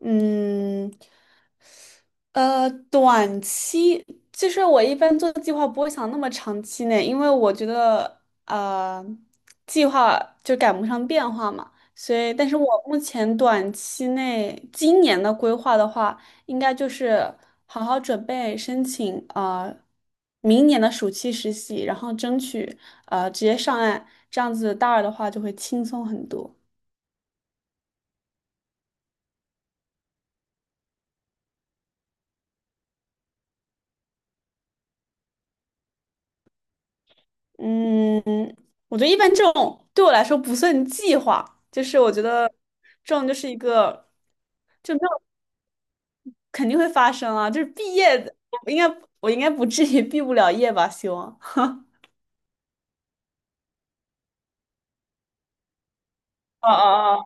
嗯，短期其实我一般做计划不会想那么长期内，因为我觉得计划就赶不上变化嘛，所以，但是我目前短期内今年的规划的话，应该就是好好准备申请明年的暑期实习，然后争取直接上岸，这样子大二的话就会轻松很多。嗯，我觉得一般这种对我来说不算计划，就是我觉得这种就是一个就没有肯定会发生啊，就是毕业的，我应该不至于毕不了业吧？希望。啊。哦。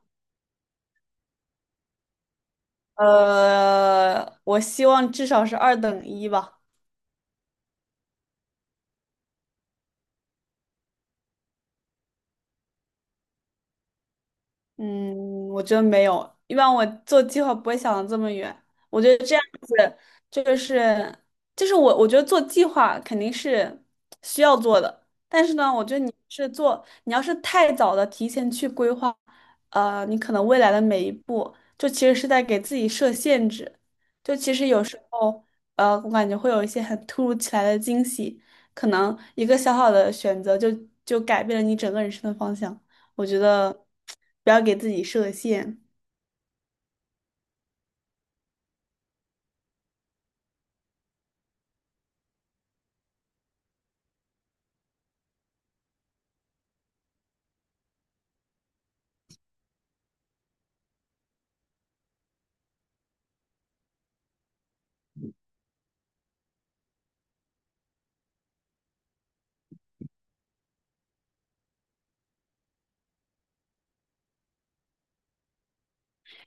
哦，我希望至少是二等一吧。嗯，我觉得没有，一般我做计划不会想的这么远。我觉得这样子就是我觉得做计划肯定是需要做的，但是呢，我觉得你要是太早的提前去规划，你可能未来的每一步就其实是在给自己设限制。就其实有时候，我感觉会有一些很突如其来的惊喜，可能一个小小的选择就改变了你整个人生的方向。我觉得。不要给自己设限。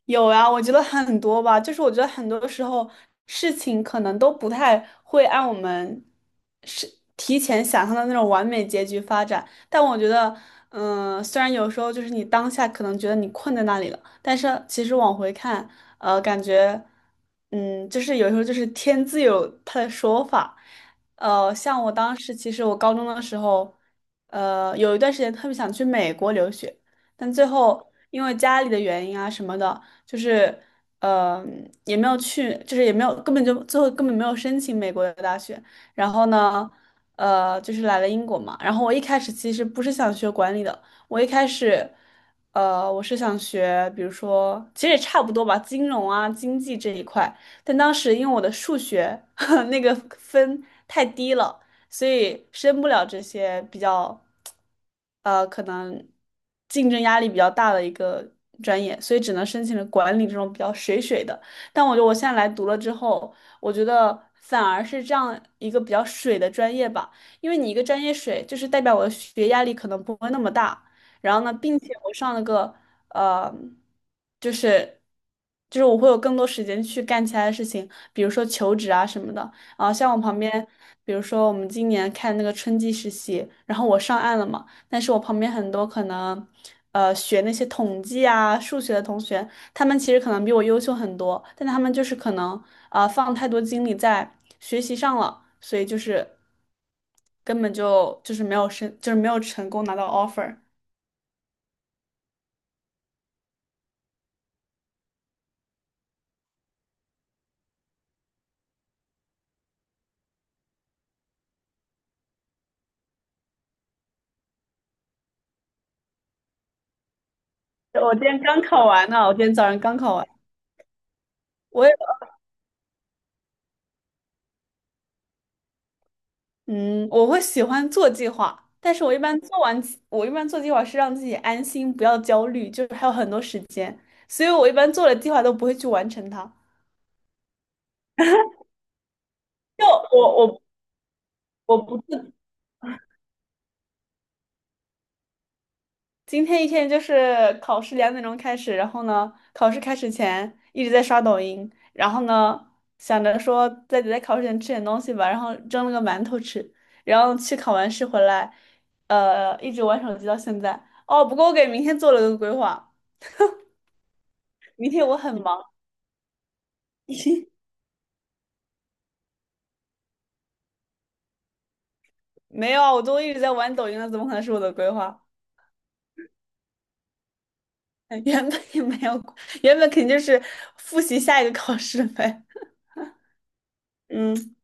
有啊，我觉得很多吧，就是我觉得很多时候事情可能都不太会按我们是提前想象的那种完美结局发展，但我觉得，虽然有时候就是你当下可能觉得你困在那里了，但是其实往回看，感觉，就是有时候就是天自有它的说法，像我当时其实我高中的时候，有一段时间特别想去美国留学。但最后因为家里的原因啊什么的，就是也没有去，就是也没有根本就最后根本没有申请美国的大学，然后呢，就是来了英国嘛，然后我一开始其实不是想学管理的，我一开始。我是想学，比如说，其实也差不多吧，金融啊、经济这一块。但当时因为我的数学 那个分太低了，所以申不了这些比较，可能竞争压力比较大的一个专业，所以只能申请了管理这种比较水水的。但我觉得我现在来读了之后，我觉得反而是这样一个比较水的专业吧，因为你一个专业水，就是代表我的学业压力可能不会那么大。然后呢，并且我上了个呃，就是我会有更多时间去干其他的事情，比如说求职啊什么的。啊，像我旁边，比如说我们今年看那个春季实习，然后我上岸了嘛，但是我旁边很多可能，学那些统计啊、数学的同学，他们其实可能比我优秀很多，但他们就是可能啊、放太多精力在学习上了，所以就是根本就是没有申，就是没有成功拿到 offer。我今天刚考完呢，我今天早上刚考完。我也。嗯，我会喜欢做计划，但是我一般做完计我一般做计划是让自己安心，不要焦虑，就是还有很多时间，所以我一般做了计划都不会去完成它。就我我我不今天一天就是考试2点钟开始，然后呢，考试开始前一直在刷抖音，然后呢想着说在考试前吃点东西吧，然后蒸了个馒头吃，然后去考完试回来，一直玩手机到现在。哦，不过我给明天做了个规划，明天我很忙。没有啊，我都一直在玩抖音了，怎么可能是我的规划？原本也没有原本肯定就是复习下一个考试呗。嗯，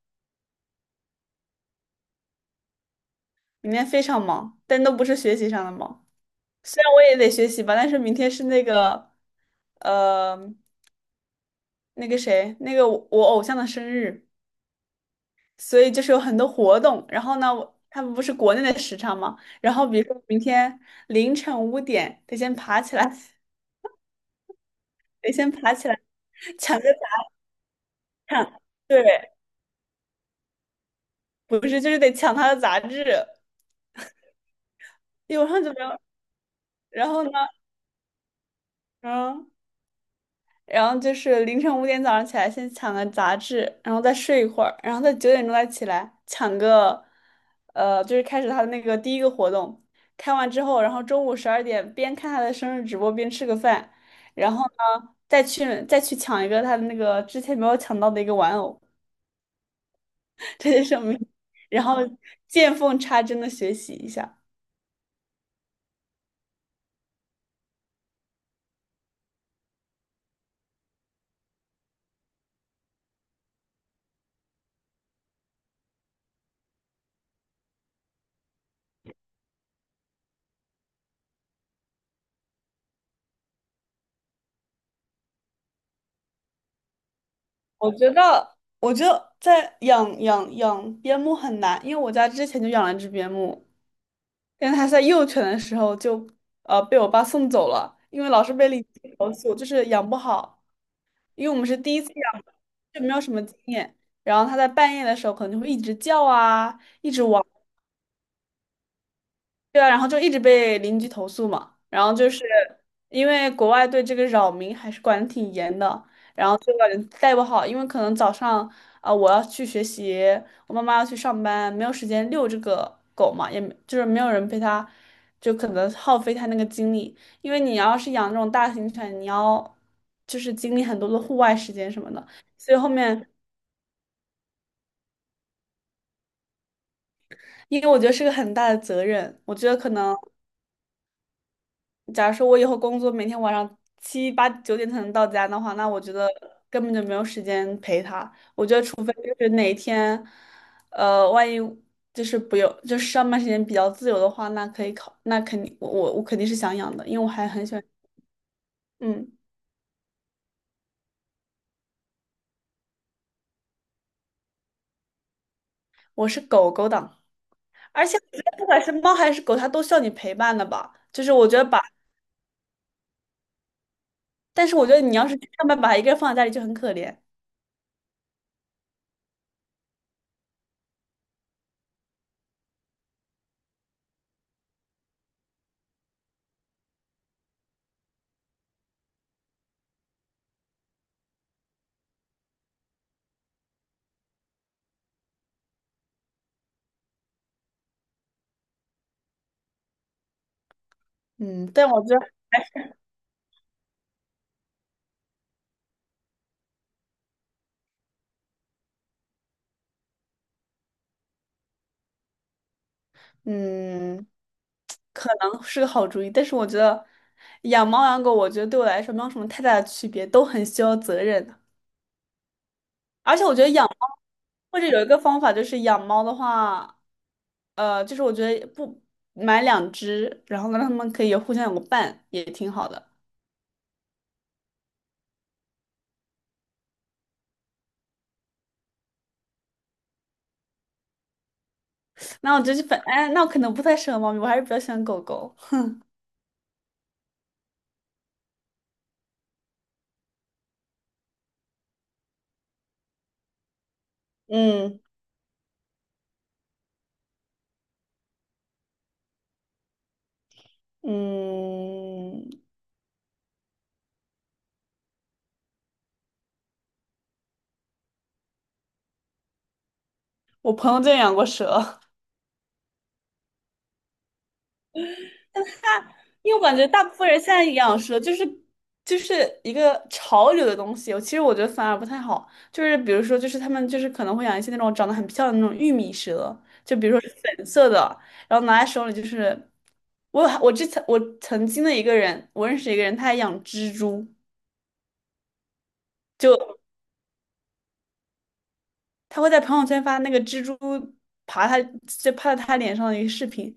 明天非常忙，但都不是学习上的忙。虽然我也得学习吧，但是明天是那个，呃，那个谁，那个我偶像的生日，所以就是有很多活动。然后呢，我他们不是国内的时差嘛，然后比如说明天凌晨五点得先爬起来，得先爬起来抢着打卡。对，不是，就是得抢他的杂志。一晚上就没有。然后呢？嗯，然后就是凌晨五点早上起来，先抢个杂志，然后再睡一会儿，然后再9点钟再起来抢个，就是开始他的那个第一个活动。开完之后，然后中午12点边看他的生日直播边吃个饭，然后呢，再去抢一个他的那个之前没有抢到的一个玩偶，这就是我们然后见缝插针的学习一下。我觉得，我觉得在养边牧很难，因为我家之前就养了一只边牧，但是它在幼犬的时候就被我爸送走了，因为老是被邻居投诉，就是养不好，因为我们是第一次养，就没有什么经验。然后它在半夜的时候可能就会一直叫啊，一直汪。对啊，然后就一直被邻居投诉嘛，然后就是因为国外对这个扰民还是管得挺严的，然后就感觉带不好，因为可能早上啊、我要去学习，我妈妈要去上班，没有时间遛这个狗嘛，也没就是没有人陪它，就可能耗费它那个精力，因为你要是养那种大型犬，你要就是经历很多的户外时间什么的，所以后面因为我觉得是个很大的责任，我觉得可能。假如说我以后工作每天晚上七八九点才能到家的话，那我觉得根本就没有时间陪他。我觉得除非就是哪一天，万一就是不用，就是上班时间比较自由的话，那可以考，那肯定我肯定是想养的，因为我还很喜欢，嗯，我是狗狗党，而且我觉得不管是猫还是狗，它都需要你陪伴的吧。就是我觉得把，但是我觉得你要是上班把它一个人放在家里就很可怜，嗯，但我觉得。嗯，可能是个好主意，但是我觉得养猫养狗，我觉得对我来说没有什么太大的区别，都很需要责任的。而且我觉得养猫，或者有一个方法就是养猫的话，就是我觉得不买两只，然后呢让它们可以互相有个伴，也挺好的。那我觉得就反，哎，那我可能不太适合猫咪，我还是比较喜欢狗狗。嗯嗯，我朋友就养过蛇。但因为我感觉大部分人现在养蛇就是一个潮流的东西，其实我觉得反而不太好。就是比如说，就是他们就是可能会养一些那种长得很漂亮的那种玉米蛇，就比如说是粉色的，然后拿在手里就是。我之前我曾经的一个人，我认识一个人，他还养蜘蛛，就他会在朋友圈发那个蜘蛛爬他就趴在他脸上的一个视频。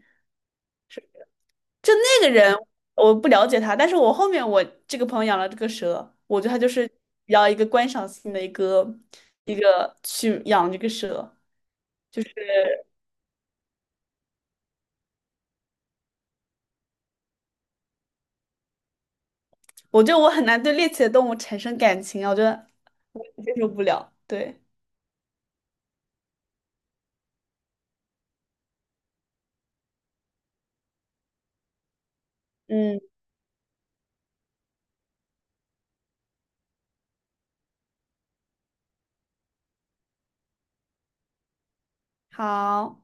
就那个人，我不了解他，但是我后面我这个朋友养了这个蛇，我觉得他就是比较一个观赏性的一个去养这个蛇。我觉得我很难对猎奇的动物产生感情啊，我觉得我接受不了。对，嗯，好。